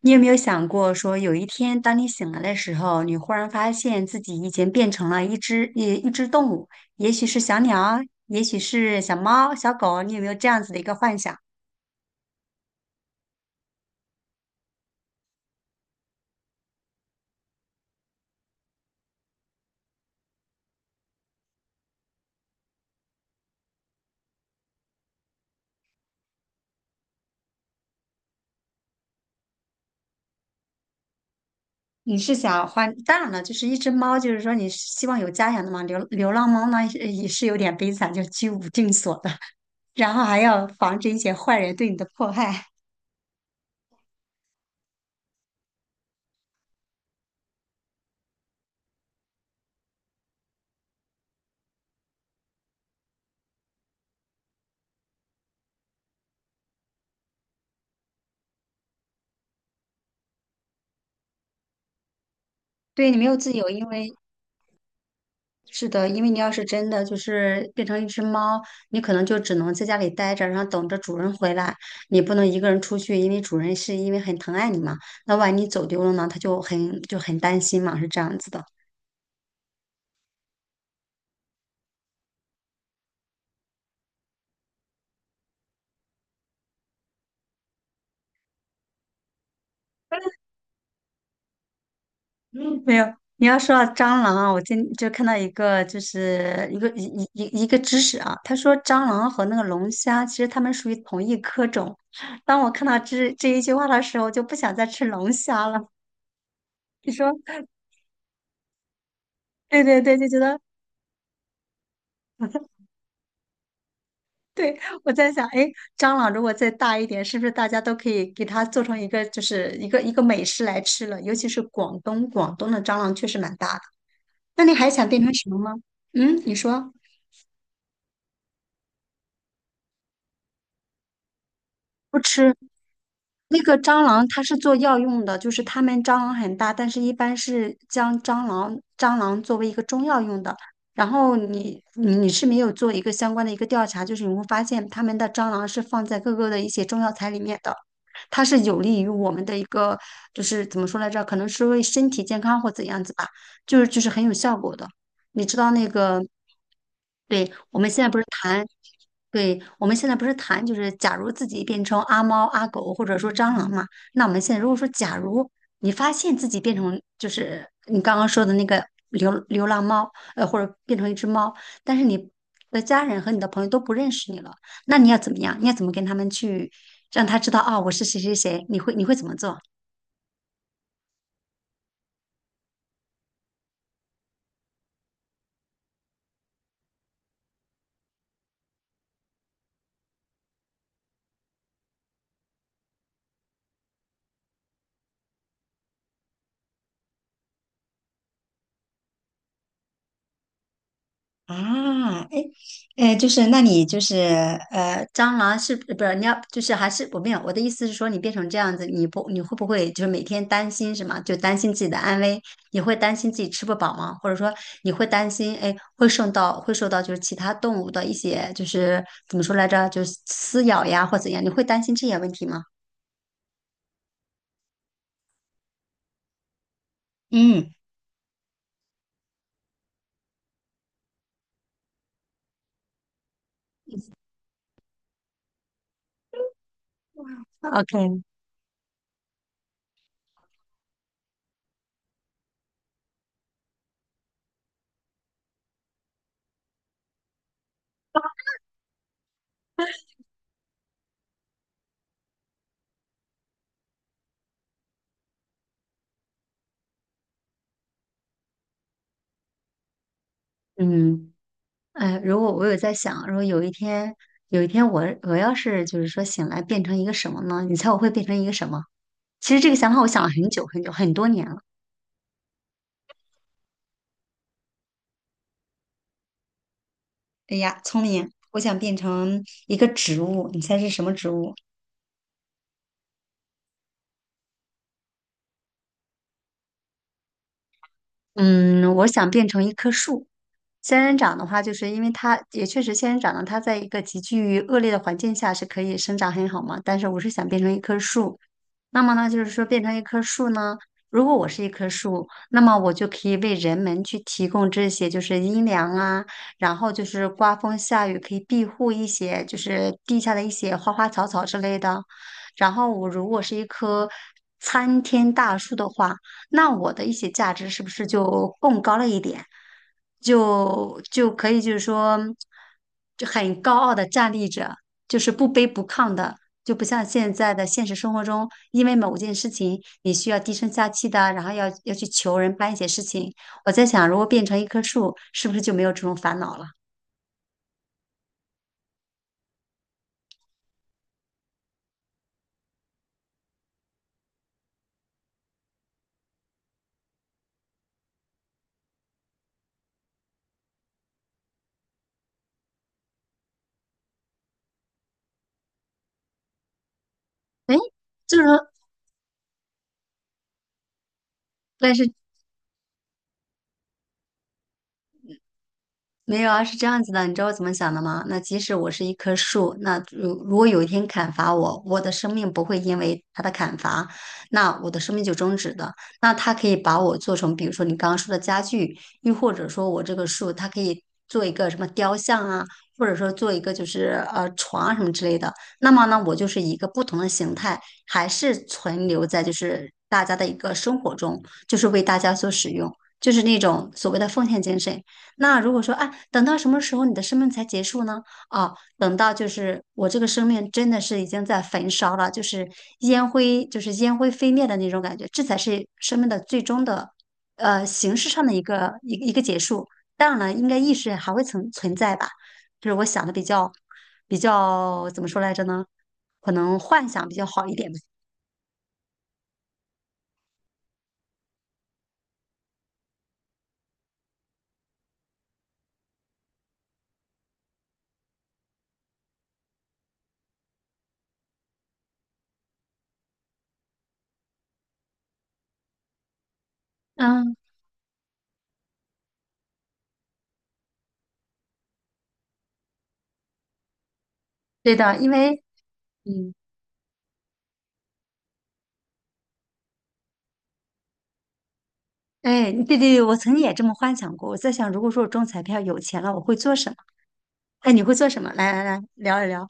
你有没有想过，说有一天当你醒来的时候，你忽然发现自己已经变成了一只动物，也许是小鸟，也许是小猫、小狗，你有没有这样子的一个幻想？你是想换？当然了，就是一只猫，就是说你是希望有家养的嘛。流浪猫呢，也是有点悲惨，就居无定所的，然后还要防止一些坏人对你的迫害。对，你没有自由，因为是的，因为你要是真的就是变成一只猫，你可能就只能在家里待着，然后等着主人回来。你不能一个人出去，因为主人是因为很疼爱你嘛。那万一你走丢了呢，他就很担心嘛，是这样子的。嗯没有，你要说到蟑螂啊，我今就看到一个就是一个一一一一个知识啊，他说蟑螂和那个龙虾其实它们属于同一科种。当我看到这一句话的时候，就不想再吃龙虾了。你说对对对，就觉得。对，我在想，哎，蟑螂如果再大一点，是不是大家都可以给它做成一个，就是一个美食来吃了？尤其是广东，广东的蟑螂确实蛮大的。那你还想变成什么吗？嗯，你说不吃。那个蟑螂它是做药用的，就是他们蟑螂很大，但是一般是将蟑螂作为一个中药用的。然后你是没有做一个相关的一个调查，就是你会发现他们的蟑螂是放在各个的一些中药材里面的，它是有利于我们的一个就是怎么说来着，可能是为身体健康或怎样子吧，就是很有效果的。你知道那个，对，我们现在不是谈，对，我们现在不是谈，就是假如自己变成阿猫、阿狗或者说蟑螂嘛，那我们现在如果说假如你发现自己变成就是你刚刚说的那个流浪猫，或者变成一只猫，但是你的家人和你的朋友都不认识你了，那你要怎么样？你要怎么跟他们去让他知道啊，我是谁谁谁？你会怎么做？啊，哎，哎，就是那你就是蟑螂是不是你要就是还是我没有我的意思是说，你变成这样子，你会不会就是每天担心什么？就担心自己的安危，你会担心自己吃不饱吗？或者说你会担心哎会受到就是其他动物的一些就是怎么说来着，就是撕咬呀或怎样，你会担心这些问题吗？嗯，OK,嗯。哎，如果我有在想，如果有一天，有一天我要是就是说醒来变成一个什么呢？你猜我会变成一个什么？其实这个想法我想了很久很多年了。哎呀，聪明！我想变成一个植物，你猜是什么植物？嗯，我想变成一棵树。仙人掌的话，就是因为它也确实仙人掌呢，它在一个极具恶劣的环境下是可以生长很好嘛。但是我是想变成一棵树，那么呢，就是说变成一棵树呢，如果我是一棵树，那么我就可以为人们去提供这些，就是阴凉啊，然后就是刮风下雨可以庇护一些，就是地下的一些花花草草之类的。然后我如果是一棵参天大树的话，那我的一些价值是不是就更高了一点？就可以就是说，就很高傲的站立着，就是不卑不亢的。就不像现在的现实生活中，因为某件事情你需要低声下气的，然后要去求人办一些事情。我在想，如果变成一棵树，是不是就没有这种烦恼了？哎，就是但是没有啊，是这样子的，你知道我怎么想的吗？那即使我是一棵树，那如果有一天砍伐我，我的生命不会因为它的砍伐，那我的生命就终止的。那它可以把我做成，比如说你刚刚说的家具，又或者说我这个树，它可以做一个什么雕像啊，或者说做一个就是床啊什么之类的。那么呢，我就是一个不同的形态，还是存留在就是大家的一个生活中，就是为大家所使用，就是那种所谓的奉献精神。那如果说，哎，等到什么时候你的生命才结束呢？哦，等到就是我这个生命真的是已经在焚烧了，就是烟灰，就是烟灰飞灭的那种感觉，这才是生命的最终的，形式上的一个结束。当然了，应该意识还会存在吧，就是我想的比较怎么说来着呢？可能幻想比较好一点吧。嗯，对的，因为嗯，哎，对对对，我曾经也这么幻想过。我在想，如果说我中彩票有钱了，我会做什么？哎，你会做什么？来来来，聊一聊。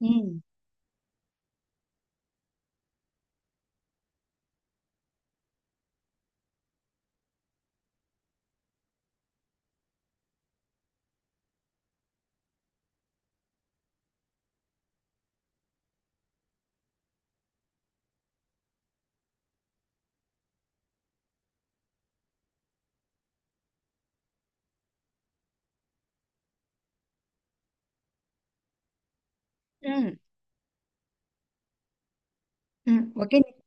嗯嗯嗯，我跟你。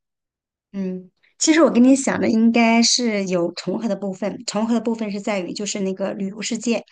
嗯，其实我跟你想的应该是有重合的部分，重合的部分是在于就是那个旅游世界。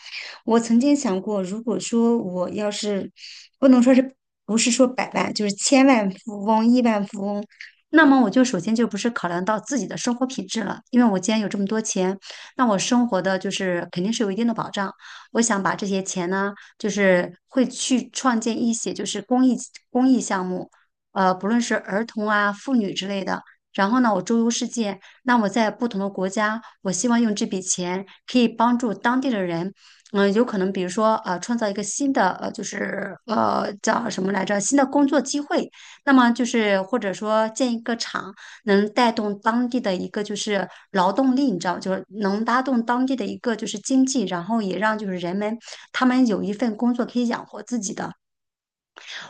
我曾经想过，如果说我要是不能说是不是说百万，就是千万富翁、亿万富翁，那么我就首先就不是考量到自己的生活品质了，因为我既然有这么多钱，那我生活的就是肯定是有一定的保障。我想把这些钱呢，就是会去创建一些就是公益项目，不论是儿童啊、妇女之类的。然后呢，我周游世界，那我在不同的国家，我希望用这笔钱可以帮助当地的人，嗯，有可能比如说创造一个新的就是叫什么来着，新的工作机会，那么就是或者说建一个厂，能带动当地的一个就是劳动力，你知道，就是能拉动当地的一个就是经济，然后也让就是人们他们有一份工作可以养活自己的。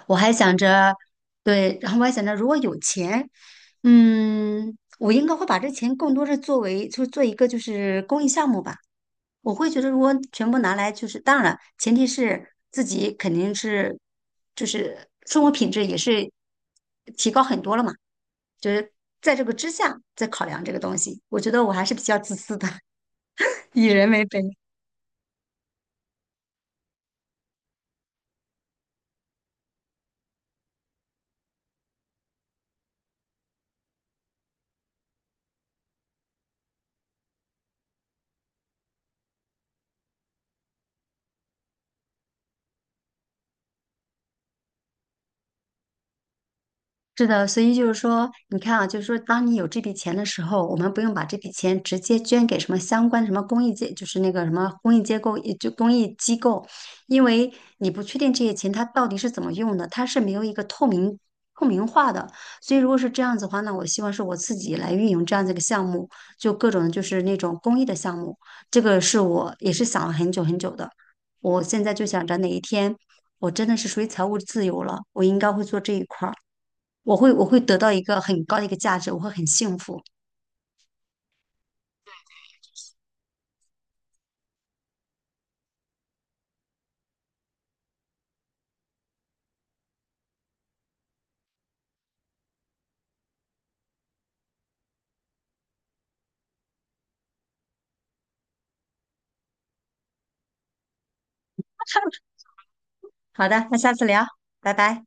我还想着，对，然后我还想着，如果有钱，嗯，我应该会把这钱更多是作为，就是做一个就是公益项目吧。我会觉得，如果全部拿来，就是当然，了，前提是自己肯定是，就是生活品质也是提高很多了嘛。就是在这个之下再考量这个东西，我觉得我还是比较自私的，以人为本。是的，所以就是说，你看啊，就是说，当你有这笔钱的时候，我们不用把这笔钱直接捐给什么相关什么公益界，就是那个什么公益机构，也就公益机构，因为你不确定这些钱它到底是怎么用的，它是没有一个透明化的。所以如果是这样子的话，那我希望是我自己来运营这样子一个项目，就各种就是那种公益的项目，这个是我也是想了很久的。我现在就想着哪一天我真的是属于财务自由了，我应该会做这一块儿。我会得到一个很高的一个价值，我会很幸福。好的，那下次聊，拜拜。